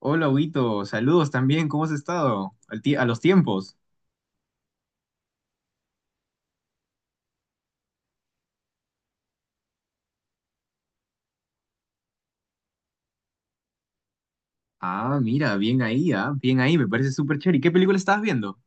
Hola, Huguito. Saludos también. ¿Cómo has estado? A los tiempos. Ah, mira, bien ahí, ah, bien ahí. Me parece súper chévere. ¿Y qué película estabas viendo?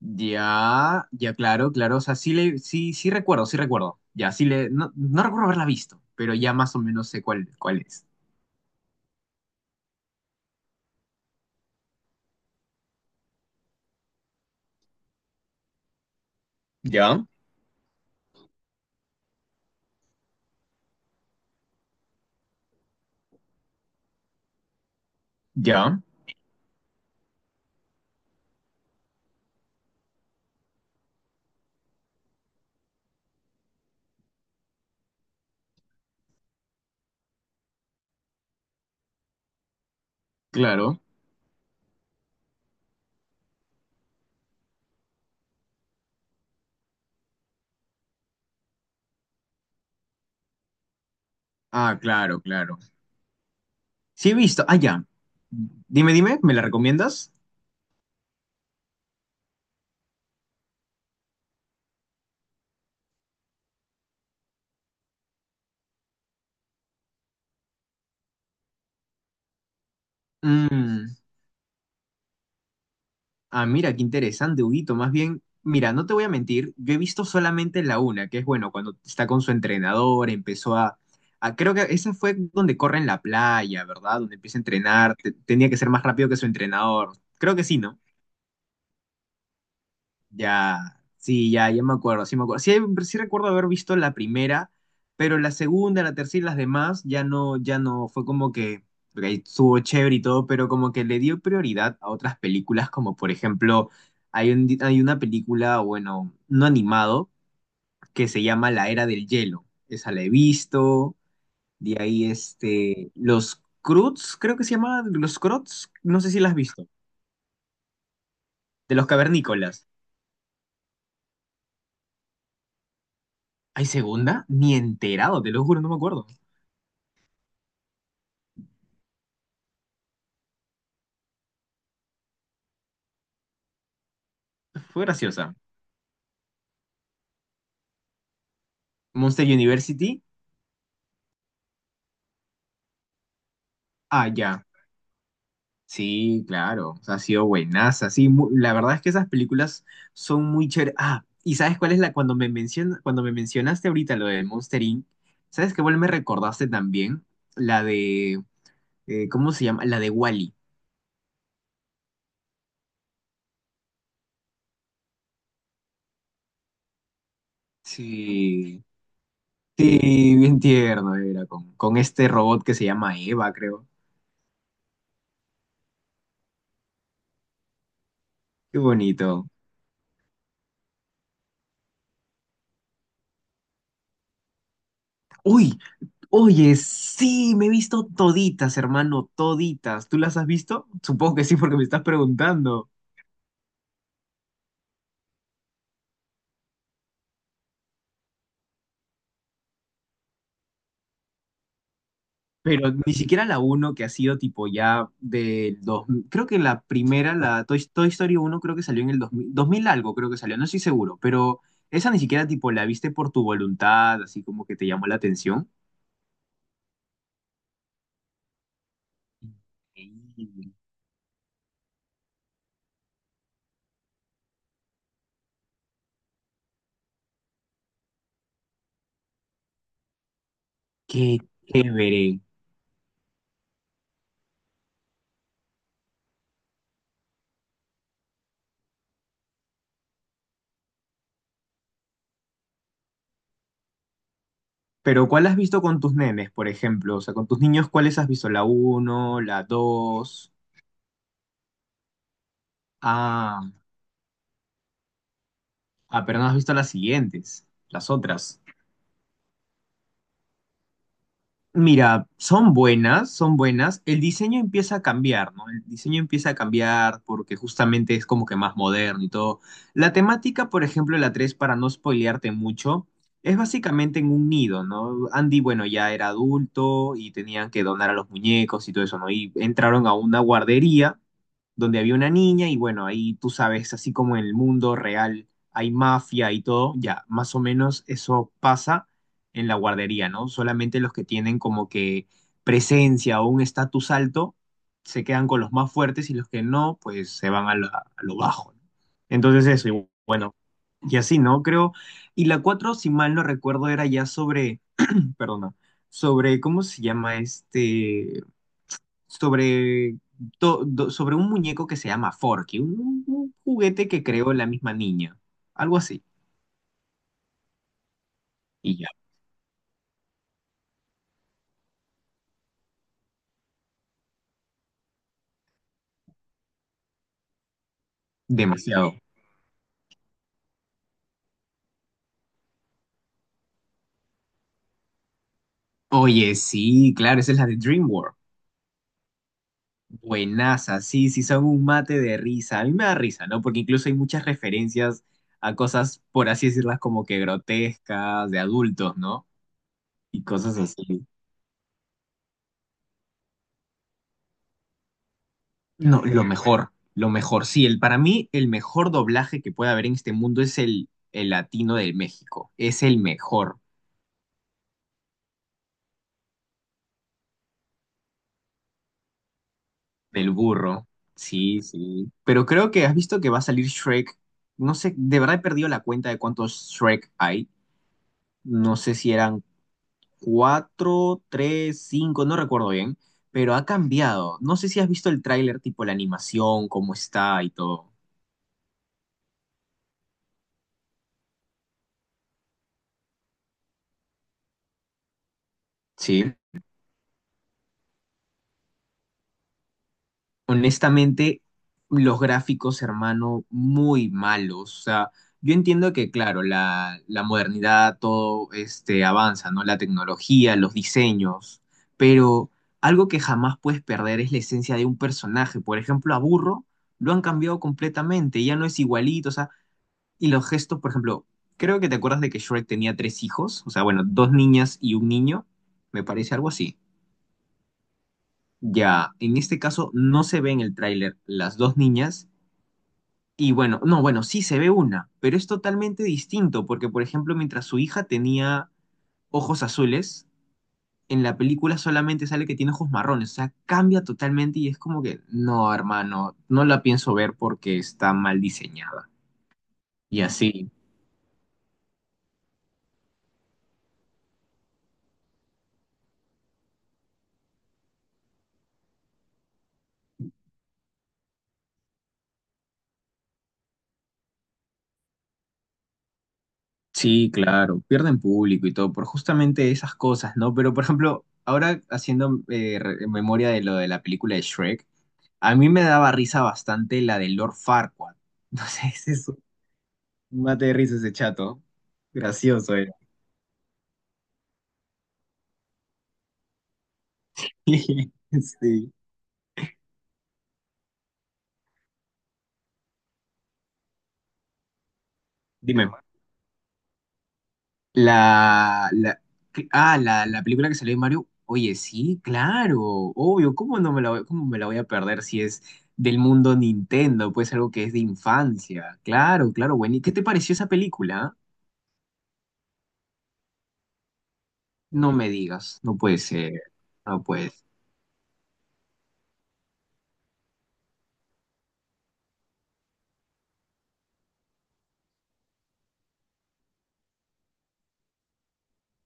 Ya, ya, claro, claro. O sea, sí, le, sí, sí recuerdo, sí recuerdo. Ya, sí le... No, no recuerdo haberla visto, pero ya más o menos sé cuál, cuál es. Ya, ya, claro. Ah, claro, claro. Sí he visto. Ah, ya. Dime, dime, ¿me la recomiendas? Mm. Ah, mira, qué interesante, Huguito. Más bien, mira, no te voy a mentir, yo he visto solamente la una, que es bueno, cuando está con su entrenador, empezó a, creo que esa fue donde corre en la playa, ¿verdad? Donde empieza a entrenar, tenía que ser más rápido que su entrenador. Creo que sí, ¿no? Ya, sí, ya, ya me acuerdo. Sí, sí recuerdo haber visto la primera, pero la segunda, la tercera y las demás ya no, ya no, fue como que, ok, estuvo chévere y todo, pero como que le dio prioridad a otras películas, como por ejemplo, hay una película, bueno, no animado, que se llama La Era del Hielo. Esa la he visto, de ahí este, Los Croods, creo que se llama, Los Croods, no sé si la has visto, de los cavernícolas. ¿Hay segunda? Ni enterado, te lo juro, no me acuerdo. Fue graciosa. Monster University. Ah, ya. Sí, claro. O sea, ha sido buenaza. Sí, la verdad es que esas películas son muy chéveres. Ah, ¿y sabes cuál es la cuando me mencionaste ahorita lo de Monster Inc? ¿Sabes qué cuál me recordaste también? La de ¿cómo se llama? La de Wall-E. Sí. Sí, bien tierno era con este robot que se llama Eva, creo. Qué bonito. Uy, oye, sí, me he visto toditas, hermano, toditas. ¿Tú las has visto? Supongo que sí, porque me estás preguntando. Pero ni siquiera la uno que ha sido tipo ya del 2000. Creo que la primera, la Toy, Toy Story uno, creo que salió en el dos mil algo, creo que salió, no estoy seguro. Pero esa ni siquiera tipo la viste por tu voluntad, así como que te llamó la atención. Increíble. Qué chévere. Pero ¿cuál has visto con tus nenes, por ejemplo? O sea, con tus niños, ¿cuáles has visto? ¿La uno, la dos? Ah, ah, pero no has visto las siguientes, las otras. Mira, son buenas, son buenas. El diseño empieza a cambiar, ¿no? El diseño empieza a cambiar porque justamente es como que más moderno y todo. La temática, por ejemplo, la 3, para no spoilearte mucho, es básicamente en un nido, ¿no? Andy, bueno, ya era adulto y tenían que donar a los muñecos y todo eso, ¿no? Y entraron a una guardería donde había una niña y bueno, ahí tú sabes, así como en el mundo real hay mafia y todo, ya, más o menos eso pasa en la guardería, ¿no? Solamente los que tienen como que presencia o un estatus alto se quedan con los más fuertes y los que no, pues se van a a lo bajo, ¿no? Entonces eso, y bueno, y así, ¿no? Creo, y la 4 si mal no recuerdo, era ya sobre, perdona, sobre, ¿cómo se llama este? Sobre, sobre un muñeco que se llama Forky, un juguete que creó la misma niña, algo así, y ya, demasiado. Oye, sí, claro, esa es la de DreamWorks. Buenaza, sí, sí, son un mate de risa. A mí me da risa, ¿no? Porque incluso hay muchas referencias a cosas, por así decirlas, como que grotescas, de adultos, ¿no? Y cosas así. No, lo mejor, sí, el, para mí el mejor doblaje que puede haber en este mundo es el latino del México. Es el mejor. Del burro. Sí, sí. Pero creo que has visto que va a salir Shrek. No sé, de verdad he perdido la cuenta de cuántos Shrek hay. No sé si eran cuatro, tres, cinco, no recuerdo bien. Pero ha cambiado. No sé si has visto el tráiler, tipo la animación, cómo está y todo. Sí. Honestamente, los gráficos, hermano, muy malos. O sea, yo entiendo que, claro, la modernidad, todo este avanza, ¿no? La tecnología, los diseños, pero algo que jamás puedes perder es la esencia de un personaje. Por ejemplo, a Burro lo han cambiado completamente, ya no es igualito, o sea, y los gestos, por ejemplo, creo que te acuerdas de que Shrek tenía tres hijos, o sea, bueno, dos niñas y un niño, me parece algo así. Ya, en este caso no se ve en el tráiler las dos niñas y bueno, no, bueno, sí se ve una, pero es totalmente distinto, porque por ejemplo, mientras su hija tenía ojos azules, en la película solamente sale que tiene ojos marrones, o sea, cambia totalmente y es como que, no, hermano, no la pienso ver porque está mal diseñada. Y así, sí, claro, pierden público y todo por justamente esas cosas, ¿no? Pero por ejemplo, ahora haciendo memoria de lo de la película de Shrek, a mí me daba risa bastante la de Lord Farquaad. No sé, mate de risa ese chato. Gracioso era. Sí. Dime. La, ¿qué? Ah, la película que salió de Mario. Oye, sí, claro, obvio. ¿Cómo no me la voy, cómo me la voy a perder si es del mundo Nintendo? Pues algo que es de infancia. Claro, claro, bueno. ¿Y qué te pareció esa película? No me digas. No puede ser. No puede.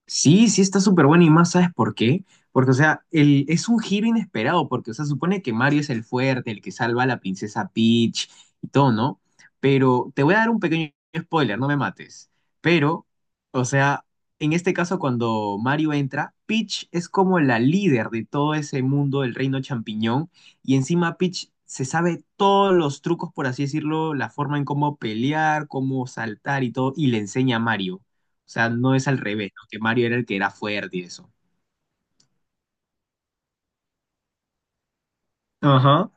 Sí, sí está súper bueno y más, ¿sabes por qué? Porque, o sea, el, es un giro inesperado, porque, o sea, supone que Mario es el fuerte, el que salva a la princesa Peach y todo, ¿no? Pero te voy a dar un pequeño spoiler, no me mates. Pero, o sea, en este caso, cuando Mario entra, Peach es como la líder de todo ese mundo del reino champiñón y encima Peach se sabe todos los trucos, por así decirlo, la forma en cómo pelear, cómo saltar y todo, y le enseña a Mario. O sea, no es al revés, ¿no? Que Mario era el que era fuerte y eso. Ajá.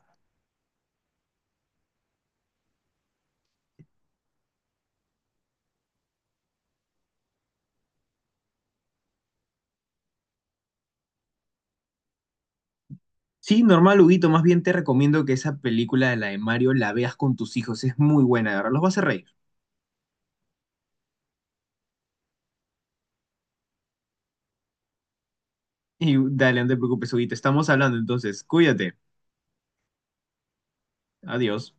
Sí, normal, Huguito, más bien te recomiendo que esa película de la de Mario la veas con tus hijos, es muy buena, de verdad, los vas a hacer reír. Y dale, no te preocupes, Huguito, estamos hablando entonces, cuídate, adiós.